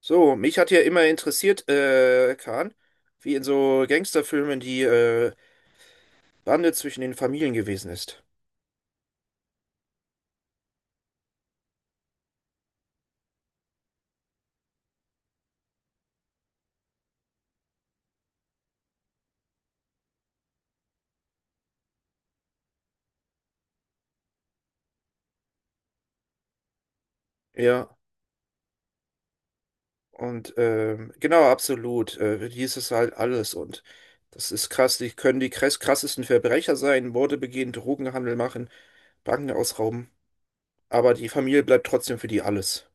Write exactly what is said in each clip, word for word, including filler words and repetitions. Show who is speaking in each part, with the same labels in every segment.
Speaker 1: So, mich hat ja immer interessiert, äh, Kahn, wie in so Gangsterfilmen die äh, Bande zwischen den Familien gewesen ist. Ja, und ähm, genau, absolut. Äh, die ist es halt alles. Und das ist krass. Die können die krass, krassesten Verbrecher sein, Morde begehen, Drogenhandel machen, Banken ausrauben. Aber die Familie bleibt trotzdem für die alles.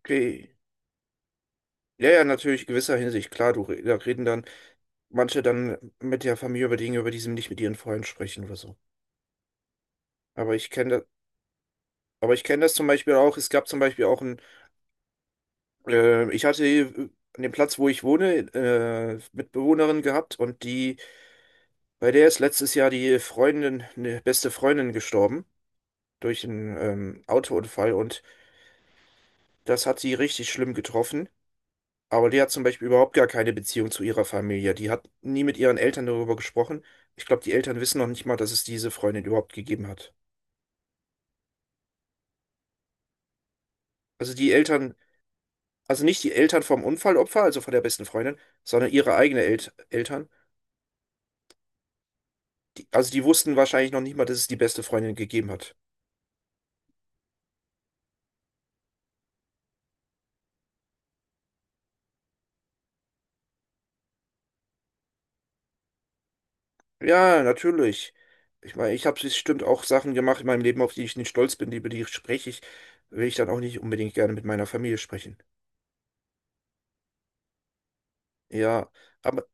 Speaker 1: Okay. Ja, ja, natürlich, in gewisser Hinsicht. Klar, du, re- da reden dann manche dann mit der Familie über Dinge, über die sie nicht mit ihren Freunden sprechen oder so. Aber ich kenne das. Aber ich kenne das zum Beispiel auch. Es gab zum Beispiel auch ein, äh, ich hatte äh, an dem Platz, wo ich wohne, äh, Mitbewohnerin gehabt und die, bei der ist letztes Jahr die Freundin, eine beste Freundin gestorben durch einen ähm, Autounfall, und das hat sie richtig schlimm getroffen. Aber die hat zum Beispiel überhaupt gar keine Beziehung zu ihrer Familie. Die hat nie mit ihren Eltern darüber gesprochen. Ich glaube, die Eltern wissen noch nicht mal, dass es diese Freundin überhaupt gegeben hat. Also die Eltern, also nicht die Eltern vom Unfallopfer, also von der besten Freundin, sondern ihre eigenen El Eltern. Die, also die wussten wahrscheinlich noch nicht mal, dass es die beste Freundin gegeben hat. Ja, natürlich. Ich meine, ich habe bestimmt auch Sachen gemacht in meinem Leben, auf die ich nicht stolz bin, die- über die spreche ich, will ich dann auch nicht unbedingt gerne mit meiner Familie sprechen. Ja, aber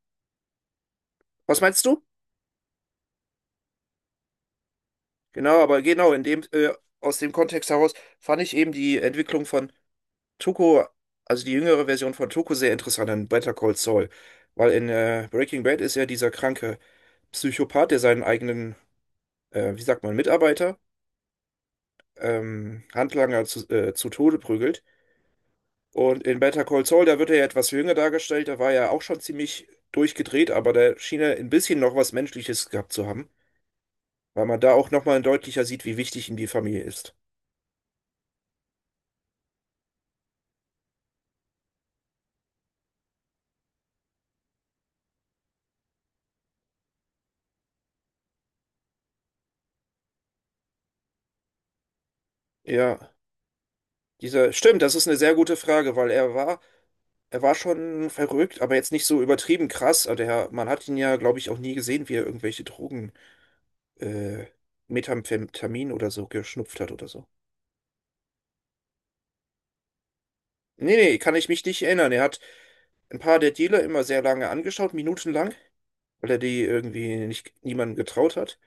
Speaker 1: was meinst du? Genau, aber genau, in dem, äh, aus dem Kontext heraus fand ich eben die Entwicklung von Tuco, also die jüngere Version von Tuco, sehr interessant in Better Call Saul. Weil in äh, Breaking Bad ist er dieser kranke Psychopath, der seinen eigenen, äh, wie sagt man, Mitarbeiter ähm, Handlanger zu, äh, zu Tode prügelt. Und in Better Call Saul, da wird er ja etwas jünger dargestellt, da war er auch schon ziemlich durchgedreht, aber da schien er ein bisschen noch was Menschliches gehabt zu haben, weil man da auch nochmal deutlicher sieht, wie wichtig ihm die Familie ist. Ja, dieser, stimmt, das ist eine sehr gute Frage, weil er war, er war schon verrückt, aber jetzt nicht so übertrieben krass. Also der, man hat ihn ja, glaube ich, auch nie gesehen, wie er irgendwelche Drogen, äh, Methamphetamin oder so geschnupft hat oder so. Nee, nee, kann ich mich nicht erinnern. Er hat ein paar der Dealer immer sehr lange angeschaut, minutenlang, weil er die irgendwie nicht niemandem getraut hat.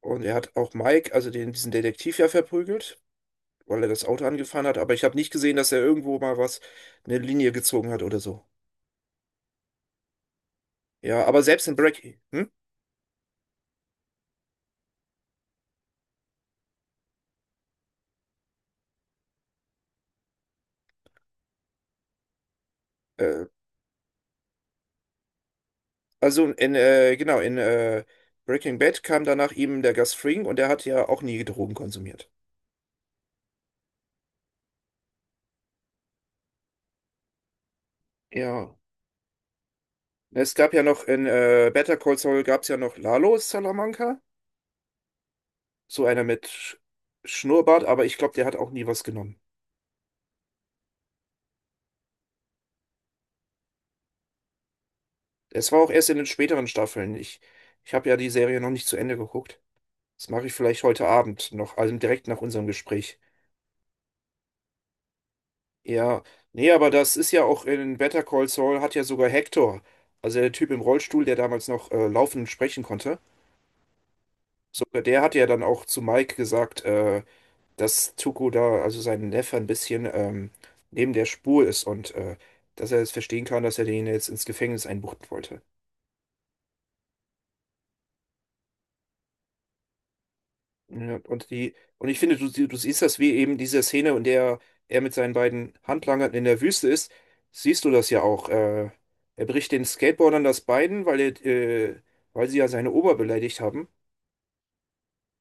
Speaker 1: Und er hat auch Mike, also den, diesen Detektiv ja verprügelt, weil er das Auto angefahren hat. Aber ich habe nicht gesehen, dass er irgendwo mal was, eine Linie gezogen hat oder so. Ja, aber selbst in Breaking, hm? Äh, also in, äh, genau, in äh, Breaking Bad kam danach eben der Gus Fring, und der hat ja auch nie Drogen konsumiert. Ja. Es gab ja noch in äh, Better Call Saul gab es ja noch Lalo Salamanca. So einer mit Sch- Schnurrbart, aber ich glaube, der hat auch nie was genommen. Es war auch erst in den späteren Staffeln. Ich, ich habe ja die Serie noch nicht zu Ende geguckt. Das mache ich vielleicht heute Abend noch, also direkt nach unserem Gespräch. Ja, nee, aber das ist ja auch in Better Call Saul hat ja sogar Hector, also der Typ im Rollstuhl, der damals noch äh, laufen und sprechen konnte, sogar der hat ja dann auch zu Mike gesagt, äh, dass Tuco da, also sein Neffe, ein bisschen ähm, neben der Spur ist, und äh, dass er es verstehen kann, dass er den jetzt ins Gefängnis einbuchten wollte. Ja, und die, und ich finde, du, sie- du siehst das wie eben diese Szene, in der er mit seinen beiden Handlangern in der Wüste ist, siehst du das ja auch. Äh, er bricht den Skateboardern das Bein, weil er, äh, weil sie ja seine Ober beleidigt haben.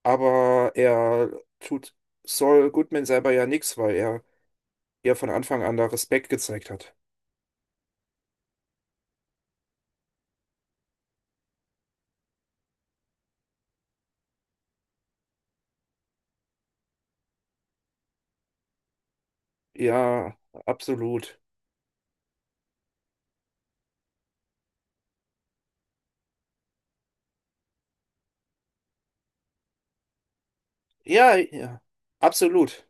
Speaker 1: Aber er tut Saul Goodman selber ja nichts, weil er ja von Anfang an da Respekt gezeigt hat. Ja, absolut. Ja, ja, absolut.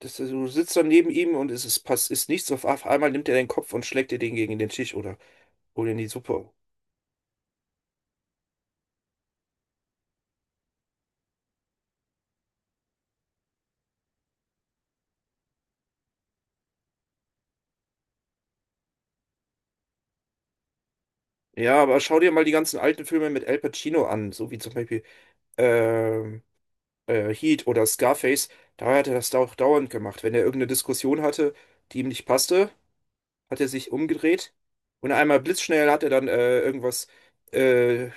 Speaker 1: Das, du sitzt dann neben ihm, und es ist, pass, ist nichts. Auf einmal nimmt er den Kopf und schlägt dir den gegen den Tisch, oder? Hol in die Suppe. Ja, aber schau dir mal die ganzen alten Filme mit Al Pacino an, so wie zum Beispiel ähm, äh, Heat oder Scarface. Da hat er das auch dauernd gemacht. Wenn er irgendeine Diskussion hatte, die ihm nicht passte, hat er sich umgedreht und einmal blitzschnell hat er dann äh, irgendwas, äh,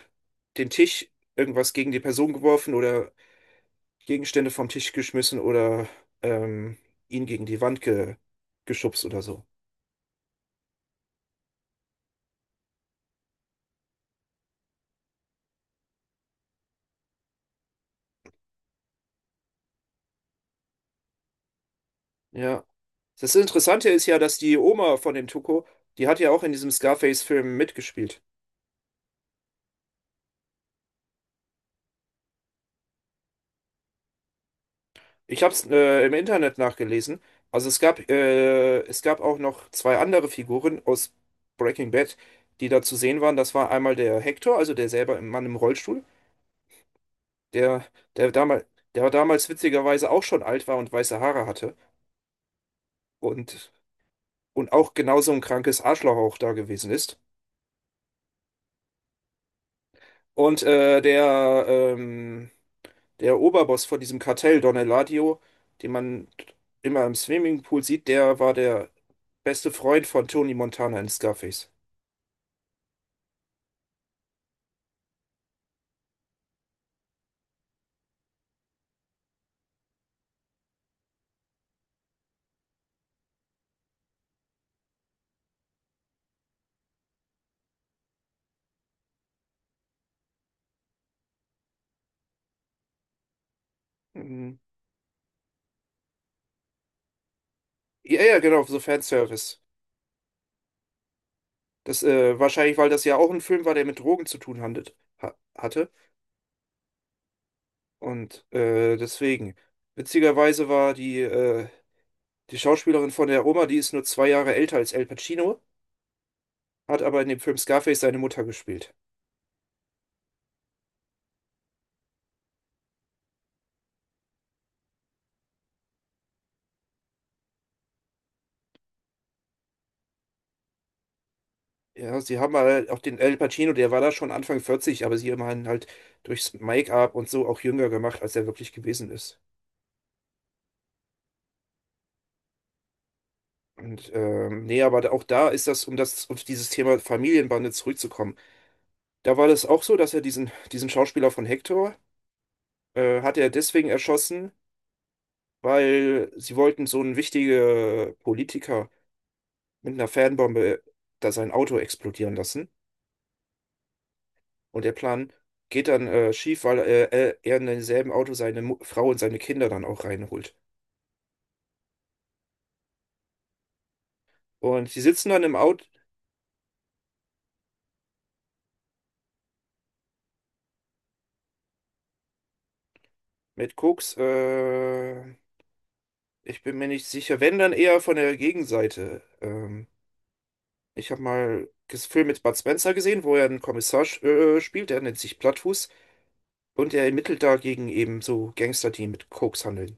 Speaker 1: den Tisch, irgendwas gegen die Person geworfen oder Gegenstände vom Tisch geschmissen oder ähm, ihn gegen die Wand ge geschubst oder so. Ja. Das Interessante ist ja, dass die Oma von dem Tuco, die hat ja auch in diesem Scarface-Film mitgespielt. Ich habe es äh, im Internet nachgelesen. Also es gab, äh, es gab auch noch zwei andere Figuren aus Breaking Bad, die da zu sehen waren. Das war einmal der Hector, also der selber im Mann im Rollstuhl, der, der damals, der damals witzigerweise auch schon alt war und weiße Haare hatte, und, und auch genauso ein krankes Arschloch auch da gewesen ist. Und äh, der, ähm, der Oberboss von diesem Kartell, Don Eladio, den man immer im Swimmingpool sieht, der war der beste Freund von Tony Montana in Scarface. Mhm. Ja, ja, genau, so Fanservice. Das, äh, wahrscheinlich, weil das ja auch ein Film war, der mit Drogen zu tun handelt, ha hatte. Und äh, deswegen. Witzigerweise war die, äh, die Schauspielerin von der Oma, die ist nur zwei Jahre älter als Al Pacino, hat aber in dem Film Scarface seine Mutter gespielt. Ja, sie haben halt auch den Al Pacino, der war da schon Anfang vierzig, aber sie haben ihn halt durchs Make-up und so auch jünger gemacht, als er wirklich gewesen ist. Und ähm, nee, aber da- auch da ist das, um das, auf dieses Thema Familienbande zurückzukommen. Da war das auch so, dass er diesen, diesen Schauspieler von Hector, äh, hat er deswegen erschossen, weil sie wollten so einen wichtigen Politiker mit einer Fanbombe da sein Auto explodieren lassen. Und der Plan geht dann äh, schief, weil äh, er er in demselben Auto seine Mu Frau und seine Kinder dann auch reinholt. Und sie sitzen dann im Auto mit Koks. Äh, ich bin mir nicht sicher, wenn dann eher von der Gegenseite. Ähm, ich habe mal einen Film mit Bud Spencer gesehen, wo er einen Kommissar äh, spielt, der nennt sich Plattfuß. Und er ermittelt dagegen eben so Gangster, die mit Koks handeln.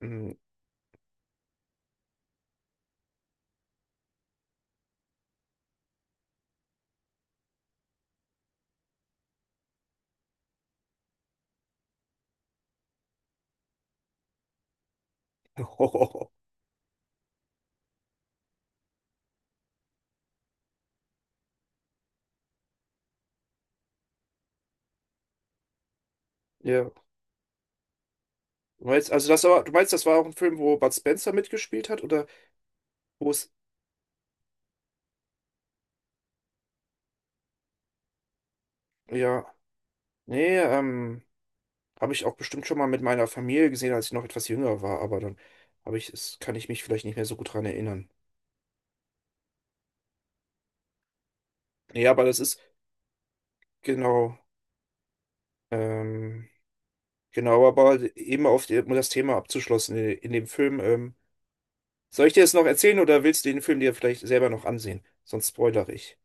Speaker 1: Mhm. Ja. Du meinst, also das war, du meinst, das war auch ein Film, wo Bud Spencer mitgespielt hat? Oder wo es. Ja. Nee, ähm. Habe ich auch bestimmt schon mal mit meiner Familie gesehen, als ich noch etwas jünger war, aber dann habe ich es, kann ich mich vielleicht nicht mehr so gut dran erinnern. Ja, aber das ist genau, ähm, genau, aber eben auf die, um das Thema abzuschlossen in, in dem Film. Ähm, soll ich dir das noch erzählen oder willst du den Film dir vielleicht selber noch ansehen? Sonst spoilere ich.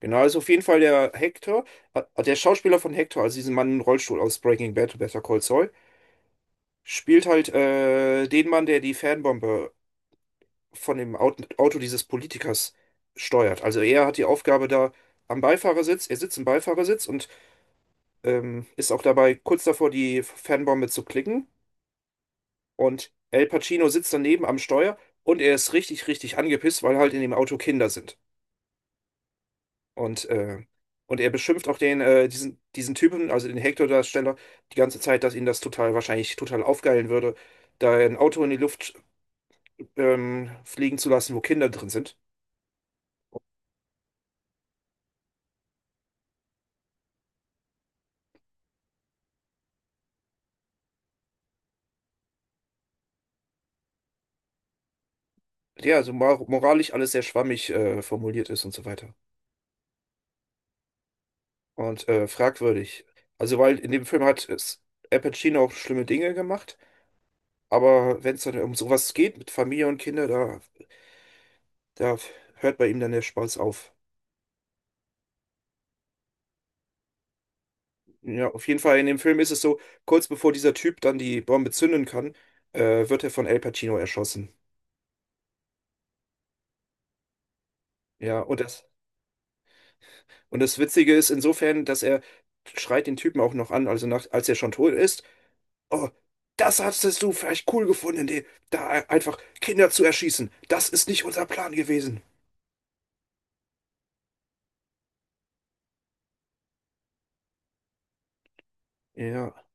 Speaker 1: Genau, also auf jeden Fall der Hector, äh, der Schauspieler von Hector, also diesen Mann im Rollstuhl aus Breaking Bad, Better Call Saul, spielt halt äh, den Mann, der die Fernbombe von dem Aut- Auto dieses Politikers steuert. Also er hat die Aufgabe da am Beifahrersitz, er sitzt im Beifahrersitz und ähm, ist auch dabei kurz davor, die Fernbombe zu klicken. Und Al Pacino sitzt daneben am Steuer, und er ist richtig, richtig angepisst, weil halt in dem Auto Kinder sind. Und, äh, und er beschimpft auch den, äh, diesen, diesen Typen, also den Hector-Darsteller, die ganze Zeit, dass ihn das total wahrscheinlich total aufgeilen würde, da ein Auto in die Luft ähm, fliegen zu lassen, wo Kinder drin sind. Ja, also mor- moralisch alles sehr schwammig äh, formuliert ist und so weiter. Und äh, fragwürdig. Also, weil in dem Film hat es Al Pacino auch schlimme Dinge gemacht, aber wenn es dann um sowas geht mit Familie und Kinder, da, da hört bei ihm dann der Spaß auf. Ja, auf jeden Fall in dem Film ist es so, kurz bevor dieser Typ dann die Bombe zünden kann, äh, wird er von Al Pacino erschossen. Ja, und das, und das Witzige ist insofern, dass er schreit den Typen auch noch an, also nach, als er schon tot ist. Oh, das hattest du vielleicht cool gefunden, die, da einfach Kinder zu erschießen. Das ist nicht unser Plan gewesen. Ja.